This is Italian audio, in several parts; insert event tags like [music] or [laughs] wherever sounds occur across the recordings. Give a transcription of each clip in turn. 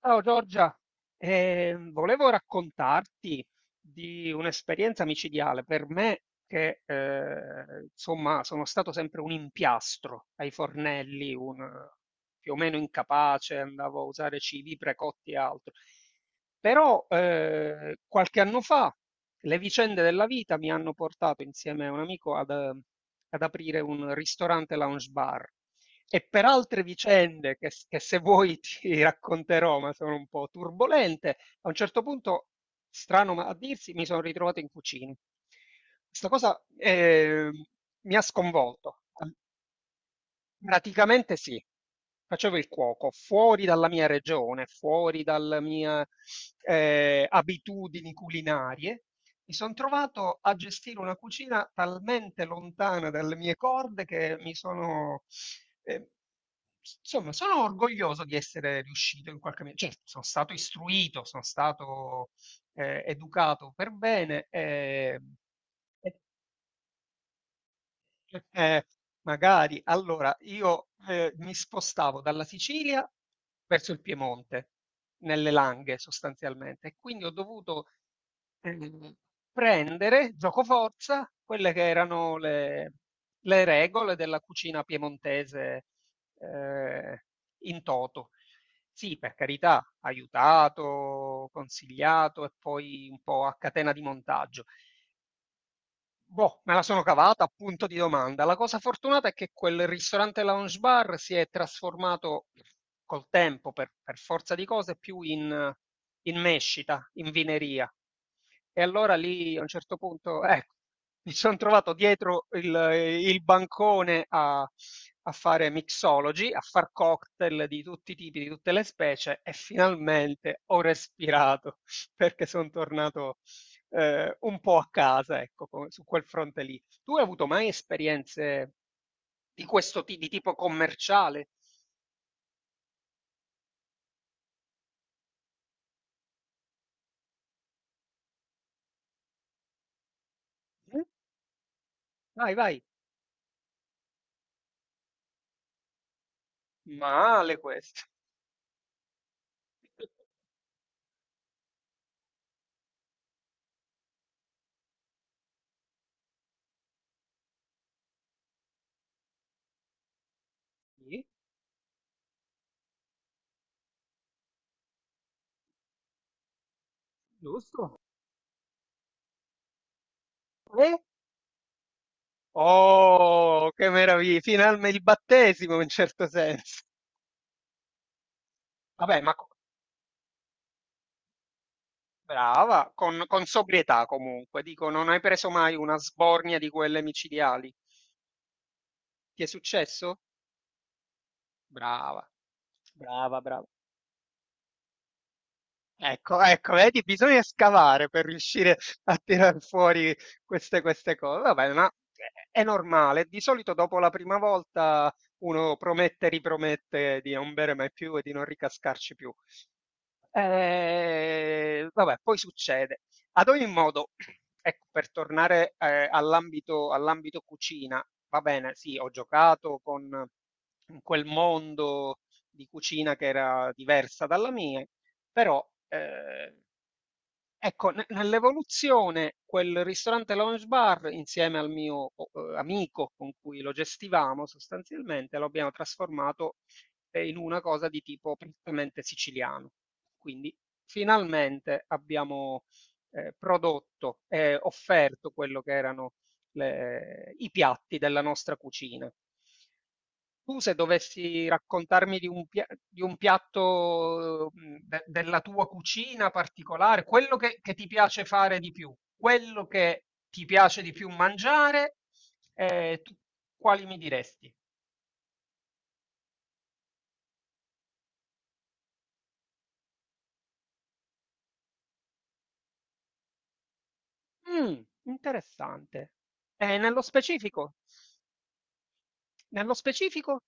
Ciao Giorgia, volevo raccontarti di un'esperienza micidiale per me che insomma sono stato sempre un impiastro ai fornelli, un più o meno incapace, andavo a usare cibi precotti e altro. Però qualche anno fa le vicende della vita mi hanno portato insieme a un amico ad ad aprire un ristorante lounge bar e per altre vicende che se vuoi [laughs] ti racconterò, ma sono un po' turbolente, a un certo punto, strano ma a dirsi, mi sono ritrovato in cucina. Questa cosa mi ha sconvolto. Praticamente sì. Facevo il cuoco fuori dalla mia regione, fuori dalle mie abitudini culinarie. Mi sono trovato a gestire una cucina talmente lontana dalle mie corde che mi sono, eh, insomma, sono orgoglioso di essere riuscito in qualche modo. Cioè, sono stato istruito, sono stato educato per bene. E, eh, magari. Allora, io mi spostavo dalla Sicilia verso il Piemonte, nelle Langhe sostanzialmente, e quindi ho dovuto eh, prendere, giocoforza, quelle che erano le regole della cucina piemontese eh, in toto. Sì, per carità, aiutato, consigliato e poi un po' a catena di montaggio. Boh, me la sono cavata, punto di domanda. La cosa fortunata è che quel ristorante lounge bar si è trasformato col tempo, per forza di cose, più in mescita, in vineria. E allora lì a un certo punto, ecco, mi sono trovato il bancone a fare mixology, a far cocktail di tutti i tipi, di tutte le specie, e finalmente ho respirato [laughs] perché sono tornato un po' a casa, ecco, su quel fronte lì. Tu hai avuto mai esperienze di di tipo commerciale? Mm? Vai, vai. Male questo. [laughs] Sì, giusto. Eh? Oh, che meraviglia! Finalmente il battesimo in un certo senso. Vabbè, brava, con sobrietà comunque. Dico, non hai preso mai una sbornia di quelle micidiali. Ti è successo? Brava, brava, brava. Ecco, ecco, vedi, bisogna scavare per riuscire a tirar fuori queste cose. Vabbè, ma è normale. Di solito dopo la prima volta uno promette, ripromette di non bere mai più e di non ricascarci più. Vabbè, poi succede. Ad ogni modo, [clears throat] ecco, per tornare all'ambito cucina, va bene, sì, ho giocato con in quel mondo di cucina che era diversa dalla mia, però, ecco, ne nell'evoluzione quel ristorante lounge bar insieme al mio o amico con cui lo gestivamo sostanzialmente, lo abbiamo trasformato, in una cosa di tipo prettamente siciliano. Quindi finalmente abbiamo, prodotto e offerto quello che erano le i piatti della nostra cucina. Tu se dovessi raccontarmi di un di un piatto della tua cucina particolare, quello che ti piace fare di più, quello che ti piace di più mangiare, tu quali mi diresti? Mm, interessante. Nello specifico? Nello specifico?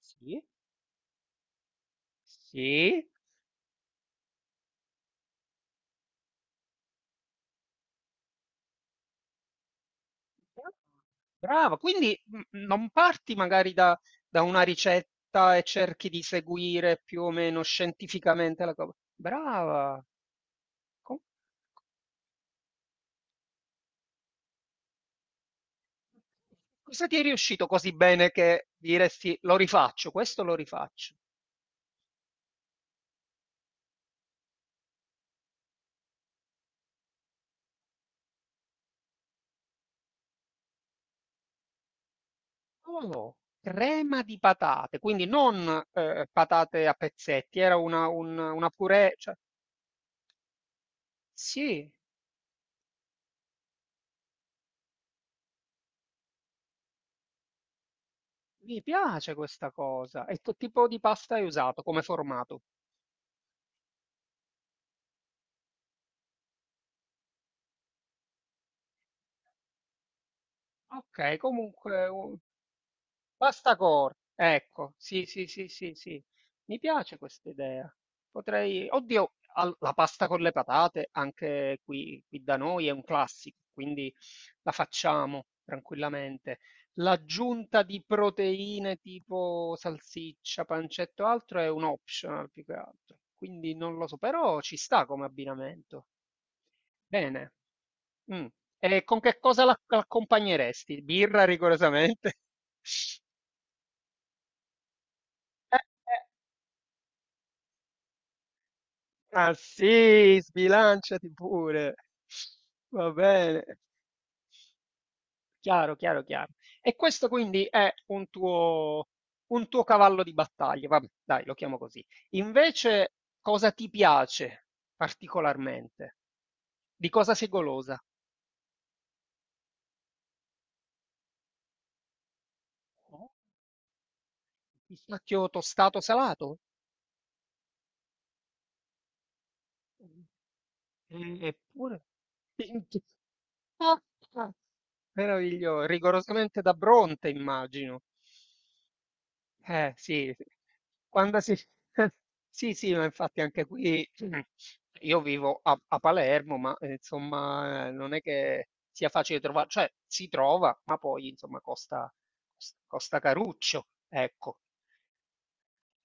Sì, sì. Bra brava, quindi, mhmm, non parti magari da una ricetta e cerchi di seguire più o meno scientificamente la co brava! Co cosa ti è riuscito così bene che diresti: "Lo rifaccio, questo lo rifaccio"? Oh, crema di patate, quindi non, patate a pezzetti, era una purée, cioè sì, mi piace questa cosa. E che tipo di pasta hai usato come formato? Okay, comunque u Bastacore, ecco, sì, mi piace questa idea. Potrei, oddio, la pasta con le patate anche qui, qui da noi è un classico, quindi la facciamo tranquillamente. L'aggiunta di proteine tipo salsiccia, pancetto, altro è un optional più che altro, quindi non lo so, però ci sta come abbinamento. Bene. Mm. E con che cosa l'accompagneresti? Birra rigorosamente? [laughs] Eh, eh. Ma sì, sbilanciati pure. Va bene. Chiaro, chiaro, chiaro. E questo quindi è un tuo cavallo di battaglia. Vabbè, dai, lo chiamo così. Invece, cosa ti piace particolarmente? Di cosa sei golosa? Oh, Pistacchio tostato salato? Eppure. [laughs] Ah, ah, Meraviglioso. [laughs] Rigorosamente da Bronte, immagino. Eh sì, sì. Quando si... [laughs] Sì, sì, ma infatti anche qui [clears throat] io vivo a Palermo, ma insomma non è che sia facile trovare, cioè si trova, ma poi insomma costa, costa caruccio, ecco.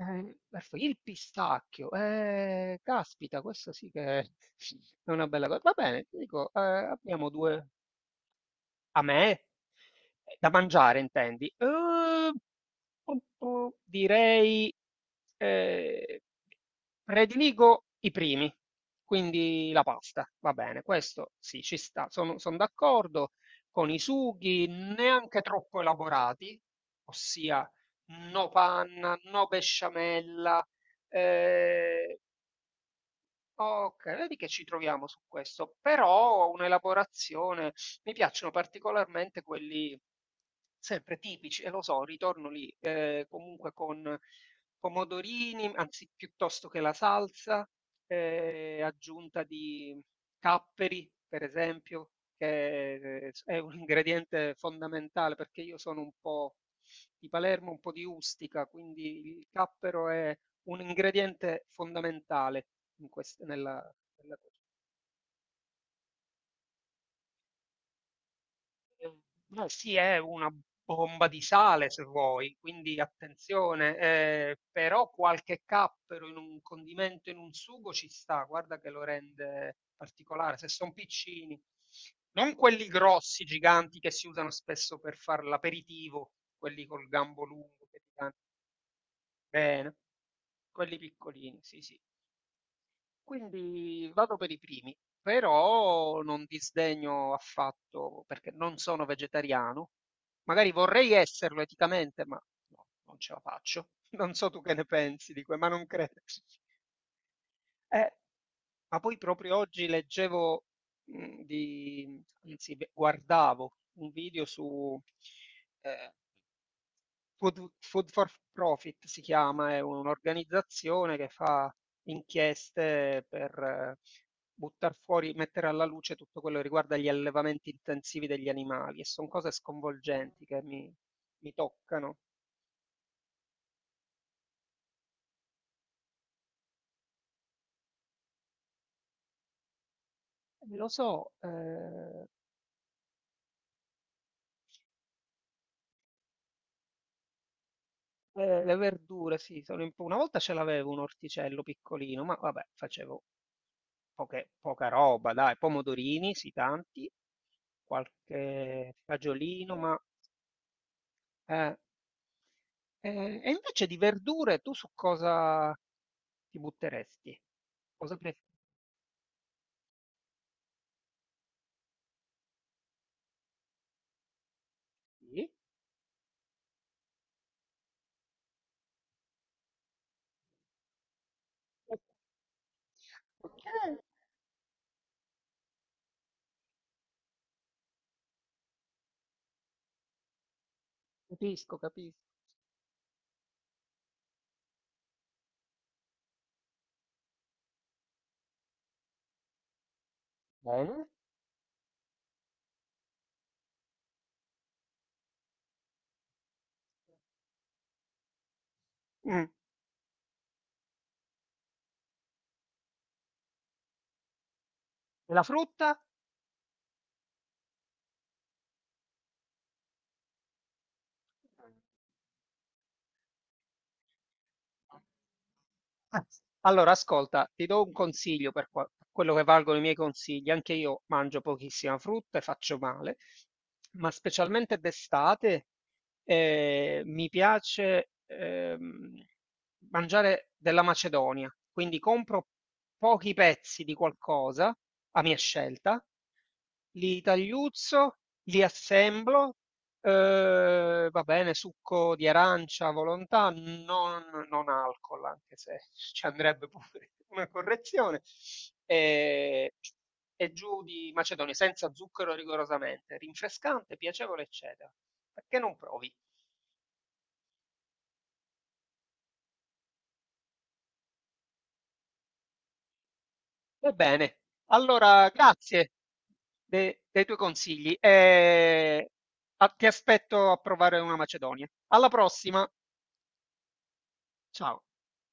Perfetto. Il pistacchio, caspita, questo sì che [laughs] è una bella cosa. Va bene, ti dico, abbiamo due, a me? Da mangiare, intendi? Direi, eh, prediligo i primi, quindi la pasta, va bene, questo sì, ci sta, sono d'accordo con i sughi neanche troppo elaborati, ossia no panna, no besciamella, eh, Okay, vedi che ci troviamo su questo, però ho un'elaborazione mi piacciono particolarmente quelli sempre tipici, e lo so, ritorno lì, comunque con pomodorini, anzi piuttosto che la salsa, aggiunta di capperi, per esempio, che s è un ingrediente fondamentale, perché io sono un po' di Palermo, un po' di Ustica, quindi il cappero è un ingrediente fondamentale in nella cucina. Ma sì, è una bomba di sale se vuoi, quindi attenzione, però qualche cappero in un condimento, in un sugo ci sta, guarda che lo rende particolare, se sono piccini, non quelli grossi, giganti che si usano spesso per fare l'aperitivo, quelli col gambo lungo, che ti danno bene, quelli piccolini, sì, sì. Quindi vado per i primi, però non disdegno affatto perché non sono vegetariano. Magari vorrei esserlo eticamente, ma no, non ce la faccio. [laughs] Non so tu che ne pensi di ma non credo. Eh, ma poi proprio oggi leggevo, beh, guardavo un video su, eh, Food for Profit si chiama, è un'organizzazione che fa inchieste per buttar fuori, mettere alla luce tutto quello che riguarda gli allevamenti intensivi degli animali e sono cose sconvolgenti mi toccano. Lo so, le verdure, sì, sono una volta ce l'avevo un orticello piccolino, ma vabbè, facevo poca roba, dai, pomodorini, sì, tanti, qualche fagiolino, ma... eh, e invece di verdure tu su cosa ti butteresti? Cosa preferi? Okay, capisco, capis bene. Mh. E la frutta? Eh, Allora, ascolta, ti do un consiglio per quello che valgono i miei consigli. Anche io mangio pochissima frutta e faccio male, ma specialmente d'estate mi piace mangiare della Macedonia. Quindi compro pochi pezzi di qualcosa a mia scelta, li tagliuzzo, li assemblo, va bene, succo di arancia a volontà, non alcol, anche se [laughs] ci andrebbe pure una correzione, ehm, e giù di macedonia, senza zucchero rigorosamente, rinfrescante, piacevole, eccetera. Perché non provi? Va bene, allora grazie de dei tuoi consigli e a ti aspetto a provare una macedonia. Alla prossima, ciao.